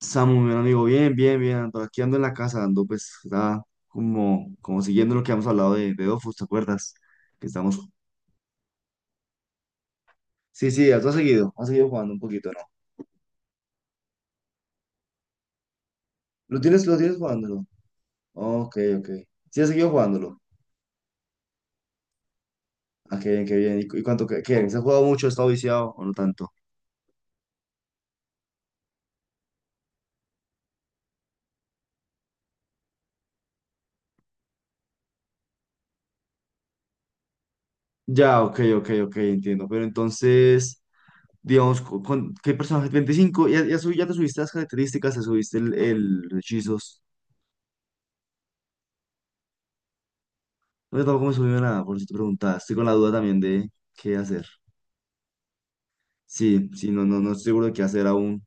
Samu, mi amigo, bien, bien, bien, ando aquí ando en la casa, ando pues, como, como siguiendo lo que hemos hablado de Dofus, ¿te acuerdas? Que estamos... Sí, sí, has seguido, has seguido jugando un poquito, ¿no? Lo tienes jugándolo? Ok, ok. Sí, has seguido jugándolo. Ah, qué bien, qué bien. ¿Y, cu- y cuánto, qué, qué? ¿Se ha jugado mucho, ha estado viciado o no tanto? Ya, ok, ok, ok, entiendo. Pero entonces, digamos, co- ¿con, qué personaje? ¿25? Ya, ya, subí- ya te subiste las características, te subiste el- los hechizos. No, yo tampoco me he subido a nada, por si te preguntas. Estoy con la duda también de qué hacer. Sí, sí, no, no, no estoy seguro de qué hacer aún.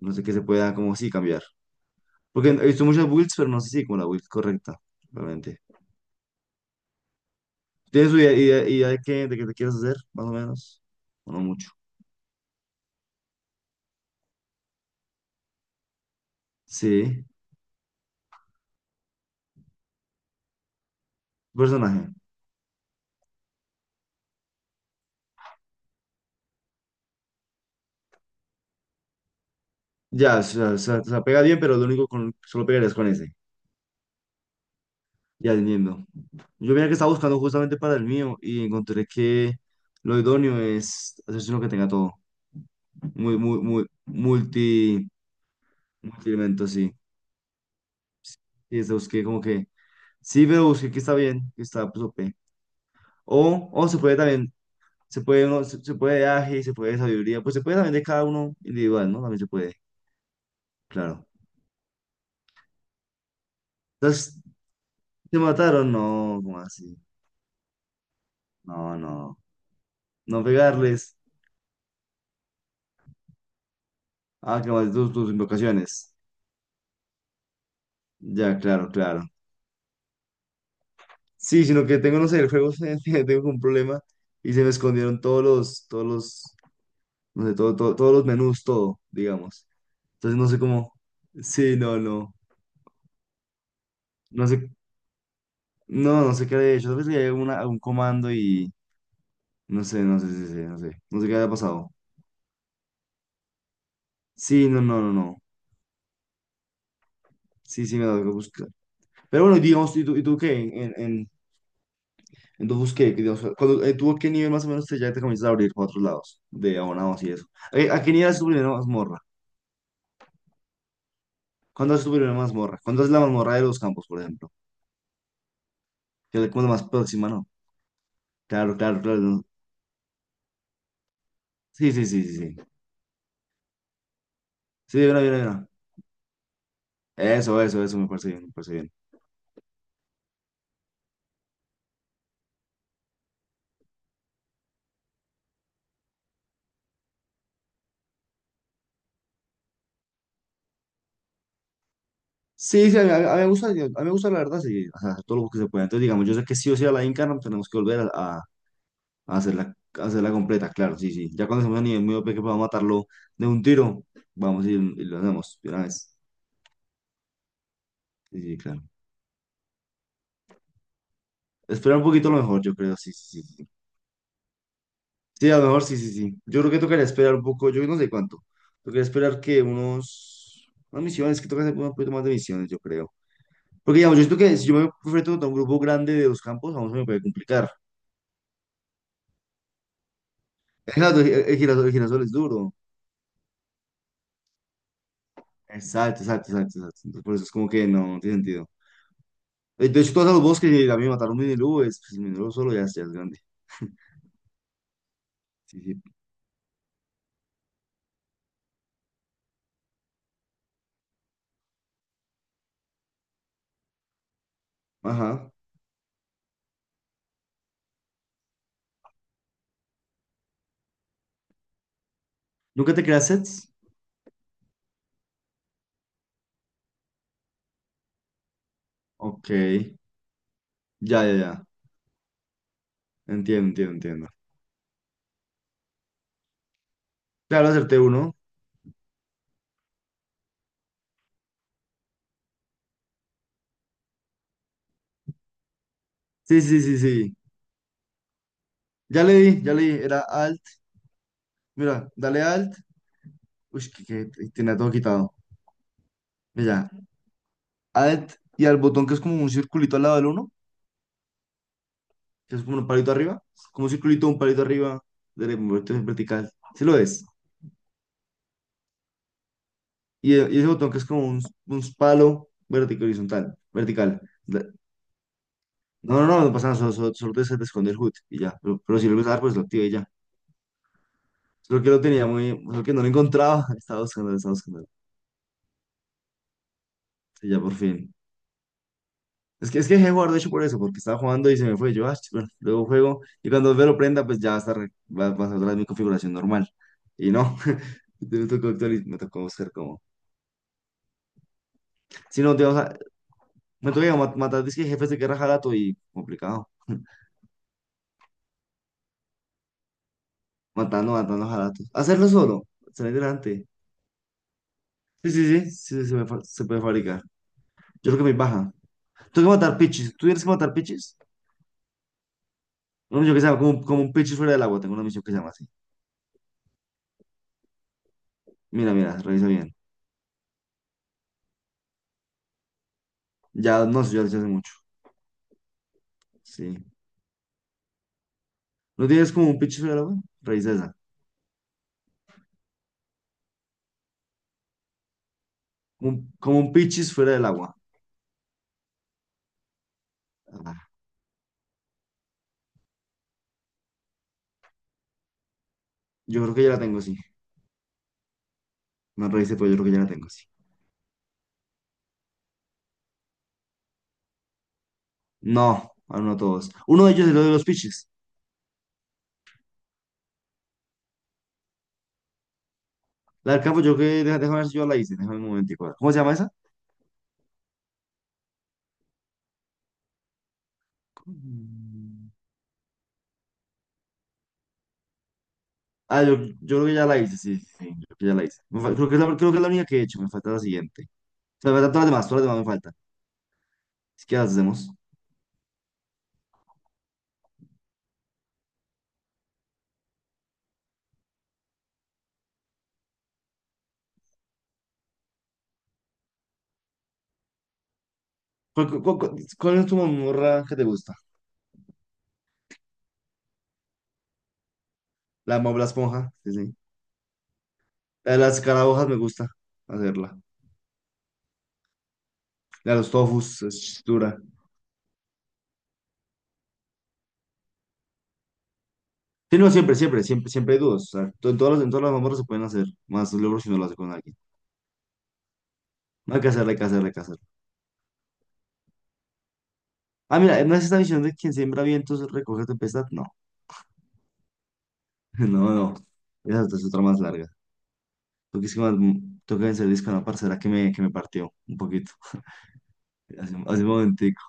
No sé qué se pueda, como sí, cambiar. Porque he visto muchas builds, pero no sé si como la build correcta, realmente. ¿Tienes una idea, idea, idea de qué te quieres hacer, más o menos? O no mucho. Sí, personaje. Ya, o sea, o sea, o sea, pega bien, pero lo único con, solo pegarías con ese. Ya entiendo. Yo mira que estaba buscando justamente para el mío y encontré que lo idóneo es hacerse uno que tenga todo. Muy, muy, muy, multi, multi elemento, sí. Y eso busqué como que, sí, pero busqué que está bien, que está, pues, OP. O, o se puede también, se puede, uno, se puede de aje, se puede de sabiduría, pues se puede también de cada uno individual, ¿no? También se puede, claro. Entonces, ¿te mataron? No, ¿cómo así? No, no. No pegarles. Ah, que más tus, tus invocaciones. Ya, claro, claro. Sí, sino que tengo, no sé, el juego, tengo un problema y se me escondieron todos los no sé, todo, todo- todos los menús, todo, digamos. Entonces no sé cómo, sí, no, no, no sé, no, no sé qué había hecho, tal vez le había una- un comando y no sé, no sé, sí, sí, no sé, no sé qué había pasado. Sí, no, no, no, no, sí, sí, me lo tengo que buscar. Pero bueno, digamos, y tú qué? En tu busqué, que, digamos, cuando, ¿tú a qué nivel más o menos te, ya te comienzas a abrir para otros lados, de abonados y eso? A qué nivel es tu primera mazmorra? ¿Cuándo es tu primera mazmorra? ¿Cuándo es la mazmorra de los campos, por ejemplo? Que es como la más próxima, ¿no? Claro, claro, claro. No. Sí, sí, sí, sí, sí. Sí, de una, de una, de una. Eso me parece bien, me parece bien. Sí, sí, a mí me gusta, a mí me gusta la verdad, sí, o sea, todo lo que se pueda. Entonces, digamos, yo sé que sí o sí a la Inca no tenemos que volver a hacerla completa, claro, sí, sí. Ya cuando estemos a nivel muy OP que podamos matarlo de un tiro, vamos y lo hacemos de una vez. Sí, sí, claro. Esperar un poquito a lo mejor, yo creo, sí, sí, sí. Sí, sí, a lo mejor sí, sí, sí. Yo creo que tocaría esperar un poco, yo no sé cuánto. Tocaría esperar que unos, unas misiones, que toca hacer un poquito más de misiones, yo creo. Porque digamos, yo siento que si yo me enfrento a un grupo grande de dos campos, vamos, se me puede complicar. Exacto, el girasol es duro. Exacto, exacto, exacto, exacto. Entonces, por eso es como que no, no tiene sentido. De hecho, todos los bosques y a mí me mataron un minilú, es, pues, el minilú solo ya es grande. Sí, sí. Ajá. ¿Nunca te creas sets? Ok. Ya, ya, ya. Entiendo, entiendo, entiendo. Claro, acerté uno. Sí, sí, sí, sí. Ya le di, ya le di. Era alt. Mira, dale alt. Uy, que tenía todo quitado. Mira, alt y al botón que es como un circulito al lado del uno. Que es como un palito arriba, como un circulito, un palito arriba, de- movimiento vertical. Sí lo es. Y y ese botón que es como un palo vertical, horizontal, vertical. La- No, no, no, no pasa nada, solo, solo, solo te, se te esconde el HUD y ya. Pero si lo usas, pues lo activé y ya. Solo que lo tenía muy, solo que no lo encontraba, estaba buscando, estaba buscando. Y ya por fin. Es que dejé de jugar, de hecho, por eso, porque estaba jugando y se me fue. Yo, ah, ch- bueno, luego juego y cuando me lo prenda, pues ya va a estar, va, va a estar otra vez mi configuración normal. Y no, me tocó actualiz- me tocó buscar cómo. Si no, digamos, me toca mat- matar disque jefes de guerra jalato y complicado. Matando, matando jalatos. Hacerlo solo. Salir delante. Sí, sí, sí, sí, se, me fa- se puede fabricar. Yo creo que me baja. Tengo que matar pichis. ¿Tú tienes que matar pichis? Una misión que se llama como, como un pichis fuera del agua. Tengo una misión que se llama así. Mira, mira, revisa bien. Ya, no sé, ya lo hice hace mucho. Sí. ¿No tienes como un pichis fuera del agua? Revisa esa. Un- como un pichis fuera del agua. Ah, yo creo que ya la tengo, sí. No revisé, pero yo creo que ya la tengo, sí. No, aún no todos. Uno de ellos es lo de los pichis. La del campo, yo que, deja- déjame ver si yo la hice, déjame un momentico. ¿Cómo se llama esa? Mm, ah, yo creo que ya la hice, sí, sí, sí, yo creo que ya la hice. Me fal- creo que es la, creo que es la única que he hecho, me falta la siguiente. O sea, me faltan todas las demás me faltan. Así que las hacemos. ¿Cuál, cu- cu- cu- cuál es tu mamorra que te gusta? La mamorra la esponja, sí, sí. La de las escarabajas me gusta hacerla. La de los tofus, es dura. Sí, no, siempre, siempre, siempre, siempre hay dudas. O sea, to- en todas las mazmorras se pueden hacer, más luego si no lo hace con alguien. No hay que hacerla, hay que hacerla, hay que hacerla. Ah, mira, ¿no es esta visión de quien siembra vientos recoge tempestad? No, no, no. Esa es otra más larga. Porque es que más, tengo que vencer disco a una parcera que me partió un poquito. Hace, hace un momentico.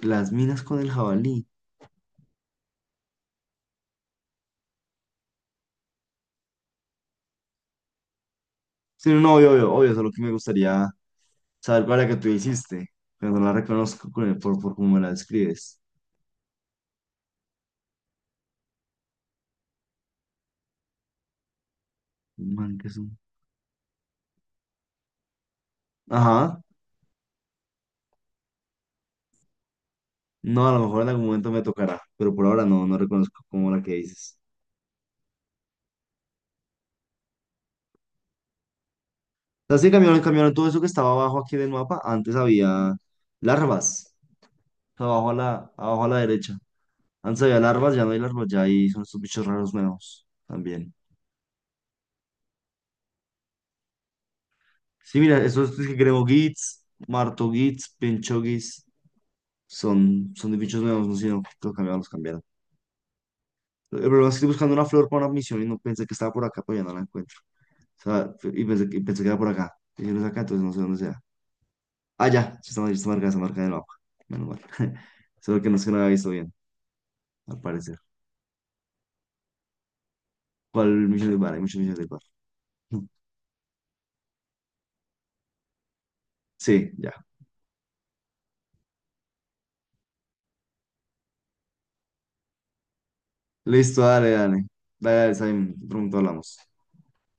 Las minas con el jabalí. Sí, no, obvio, obvio, obvio. Solo que me gustaría saber cuál es la que tú hiciste. Pero no la reconozco con el- por cómo me la describes. Un Man, que es un... Ajá. No, a lo mejor en algún momento me tocará. Pero por ahora no, no reconozco como la que dices. O sea, sí cambiaron, cambiaron todo eso que estaba abajo aquí del mapa. Antes había larvas. Abajo a la, abajo a la derecha. Antes había larvas, ya no hay larvas, ya hay, son estos bichos raros nuevos también. Sí, mira, esos que creo gits, marto gits, pincho gits, son, son de bichos nuevos, no sé, si no, los cambiaron, los cambiaron. El problema es que estoy buscando una flor para una misión y no pensé que estaba por acá, pero ya no la encuentro. O sea, y pensé que era por acá. Y no es acá, entonces no sé dónde sea. Ah, ya, sí está, mar- está marcada en el mapa. Menos mal. Solo que no es que no la había visto bien, al parecer. ¿Cuál misión del bar? Hay muchas misiones del bar. Sí, ya. Listo, dale, dale. Dale, dale, Simon. Pronto hablamos.